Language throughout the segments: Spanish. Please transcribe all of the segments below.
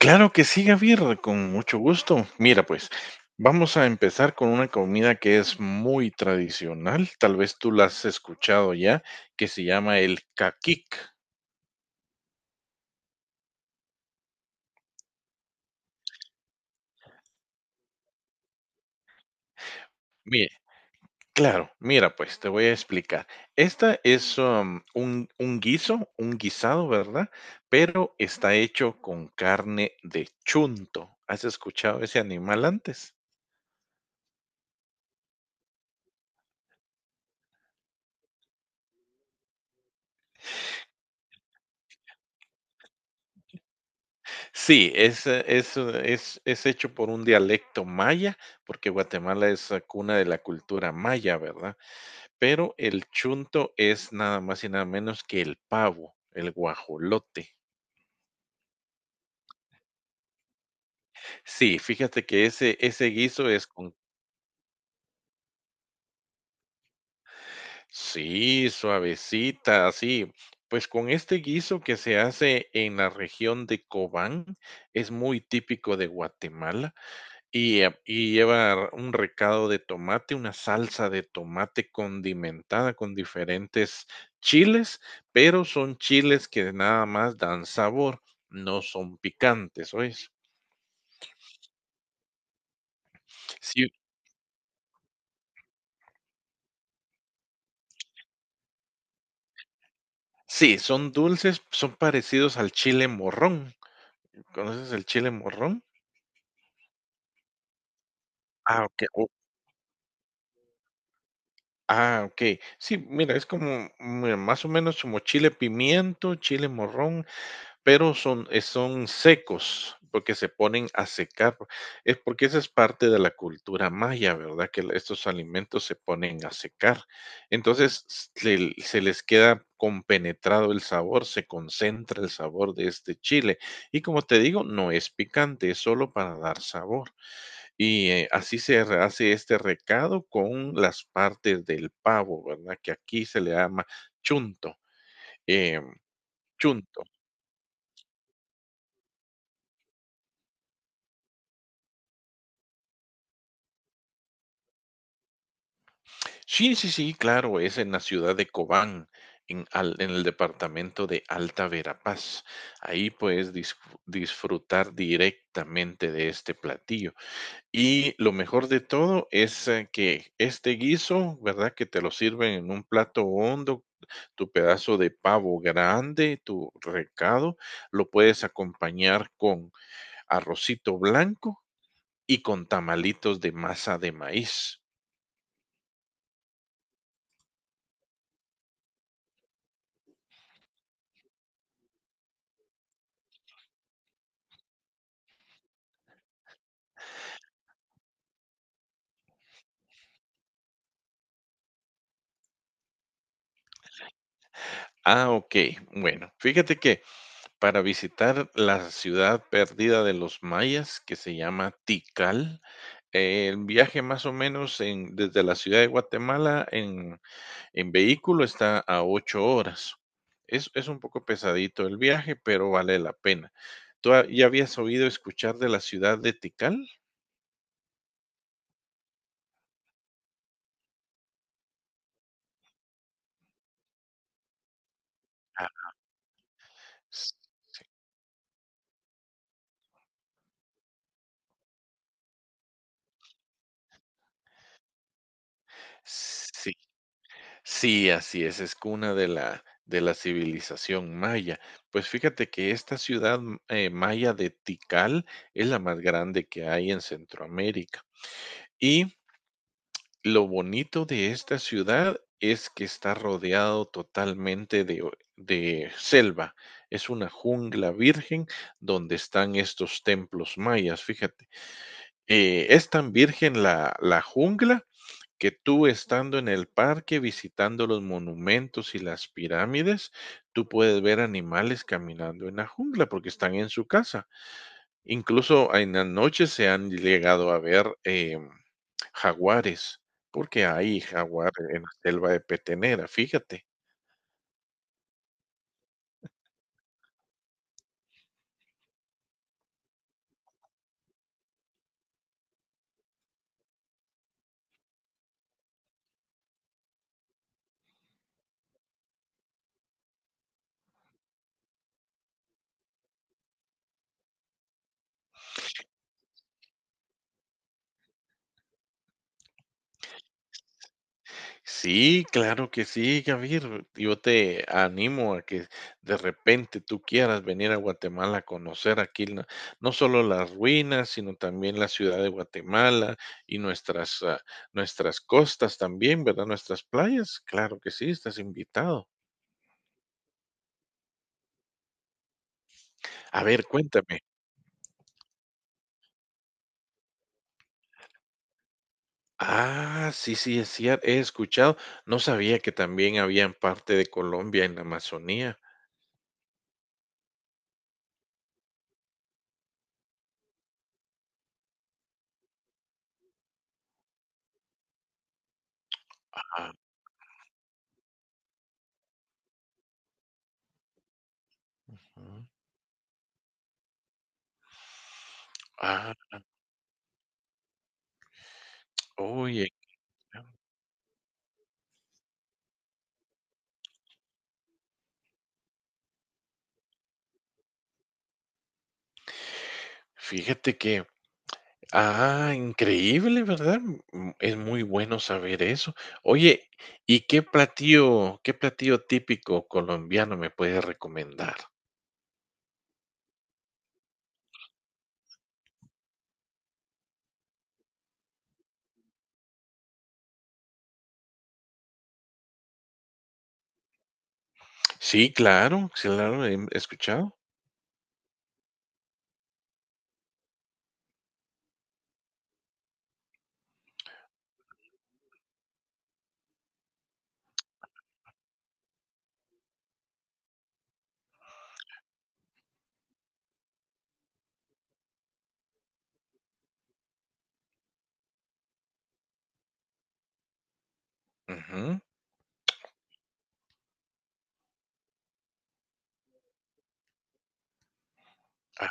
Claro que sí, Javier, con mucho gusto. Mira, pues vamos a empezar con una comida que es muy tradicional, tal vez tú la has escuchado ya, que se llama el caquic. Mire, claro, mira, pues te voy a explicar. Esta es un guiso, un guisado, ¿verdad? Pero está hecho con carne de chunto. ¿Has escuchado ese animal antes? Sí, es hecho por un dialecto maya, porque Guatemala es cuna de la cultura maya, ¿verdad? Pero el chunto es nada más y nada menos que el pavo, el guajolote. Sí, fíjate que ese guiso es con, sí, suavecita, así. Pues con este guiso que se hace en la región de Cobán, es muy típico de Guatemala. Y lleva un recado de tomate, una salsa de tomate condimentada con diferentes chiles, pero son chiles que nada más dan sabor, no son picantes, ¿oyes? Sí, sí, son dulces, son parecidos al chile morrón. ¿Conoces el chile morrón? Ah, ok. Ah, ok. Sí, mira, es como, mira, más o menos como chile pimiento, chile morrón, pero son, son secos, porque se ponen a secar. Es porque esa es parte de la cultura maya, ¿verdad? Estos alimentos se ponen a secar. Entonces se les queda compenetrado el sabor, se concentra el sabor de este chile. Y como te digo, no es picante, es solo para dar sabor. Y hace este recado con las partes del pavo, ¿verdad? Que aquí se le llama chunto. em, Chunto. Sí, sí, sí, claro, es en la ciudad de Cobán, en el departamento de Alta Verapaz. Ahí disfrutar directamente de este platillo. Y lo mejor de todo es que este guiso, ¿verdad? Que te lo sirven en un plato hondo, tu pedazo de pavo grande, tu recado, lo puedes acompañar con arrocito blanco y con tamalitos de masa de maíz. Ah, ok. Bueno, fíjate que para visitar la ciudad perdida de los mayas que se llama Tikal. El viaje más o menos desde la ciudad de Guatemala en vehículo está a ocho horas. Es un poco pesadito el viaje, pero vale la pena. ¿Ya habías oído escuchar de la ciudad de Tikal? Ah, s- sí. Sí, así es cuna de la civilización maya. Pues fíjate que esta ciudad, maya de Tikal es la más grande que hay en Centroamérica. Y lo bonito de esta ciudad es que está rodeado totalmente de selva. Es una jungla virgen donde están estos templos mayas, fíjate. Es tan virgen la jungla que tú estando en el parque, visitando los monumentos y las pirámides, tú puedes ver animales caminando en la jungla porque están en su casa. Incluso en la noche se han llegado a ver jaguares, porque hay jaguar en la selva de Petenera, fíjate. Sí, claro que sí, Javier. Yo te animo a que de repente tú quieras venir a Guatemala a conocer aquí no, no solo las ruinas, sino también la ciudad de Guatemala y nuestras, nuestras costas también, ¿verdad? Nuestras playas. Claro que sí, estás invitado. A ver, cuéntame. Ah, sí, sí, es cierto. He escuchado. No sabía que también había en parte de Colombia en la Amazonía. Ah, ujú. Ah, oye, claro. Fíjate que ah, increíble, ¿verdad? Mm, es muy bueno saber eso. Oye, ¿y qué platillo típico colombiano me puedes recomendar? Sí, claro, sí, claro, he escuchado. Ujú. Ah,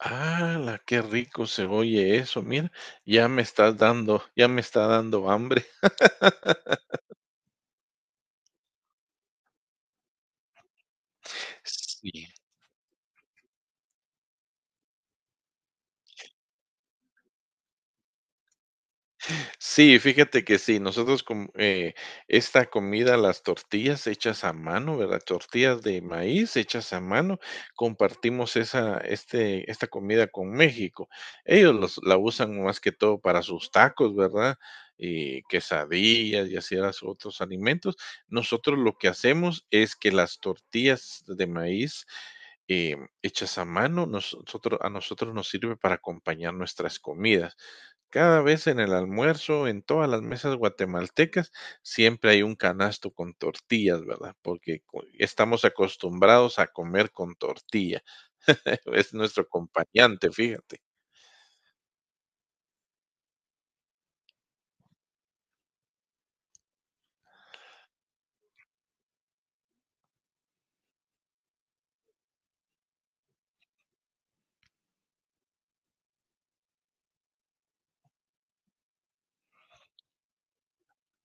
Ala, qué rico se oye eso. Mira, ya me estás dando, ya me está dando hambre. Sí. Sí, fíjate que sí, nosotros com esta comida, las tortillas hechas a mano, ¿verdad? Tortillas de maíz hechas a mano, compartimos esa este esta comida con México. Ellos los la usan más que todo para sus tacos, ¿verdad? Y quesadillas y así las otros alimentos. Nosotros lo que hacemos es que las tortillas de maíz, hechas a mano, nosotros a nosotros nos sirve para acompañar nuestras comidas. Cada vez en el almuerzo, en todas las mesas guatemaltecas, siempre hay un canasto con tortillas, ¿verdad? Estamos acostumbrados a comer con tortilla. Es nuestro acompañante, fíjate.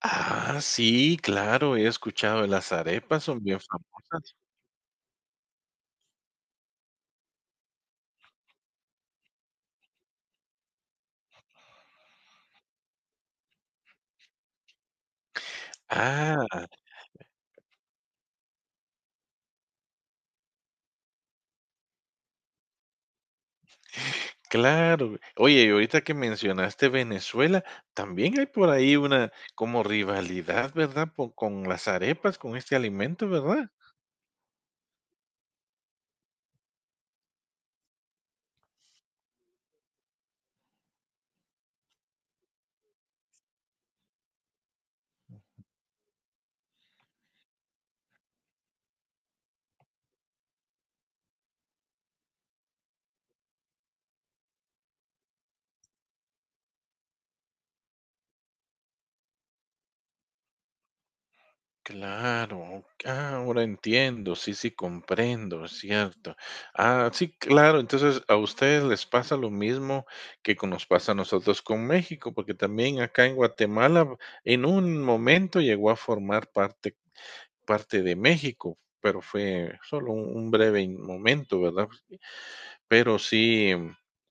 Ah, sí, claro, he escuchado las arepas, son bien famosas. Ah, claro. Oye, y ahorita que mencionaste Venezuela, también hay por ahí una como rivalidad, ¿verdad? Con las arepas, con este alimento, ¿verdad? Claro, ah, ahora entiendo, sí, sí, comprendo, es cierto. Ah, sí, claro, entonces a ustedes les pasa lo mismo nos pasa a nosotros con México, porque también acá en Guatemala en un momento llegó a formar parte, parte de México, pero fue solo un momento, ¿verdad? Pero sí,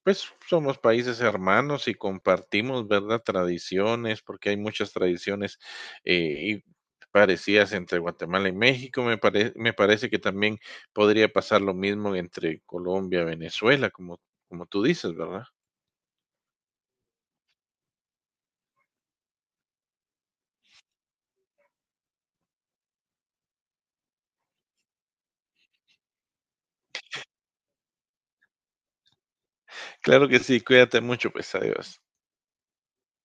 pues somos países hermanos y compartimos, ¿verdad? Tradiciones, porque hay muchas tradiciones y parecidas entre Guatemala y México. Me parece que también podría pasar lo mismo entre Colombia y Venezuela, como, como tú dices, ¿verdad? Claro que sí, cuídate mucho, pues adiós.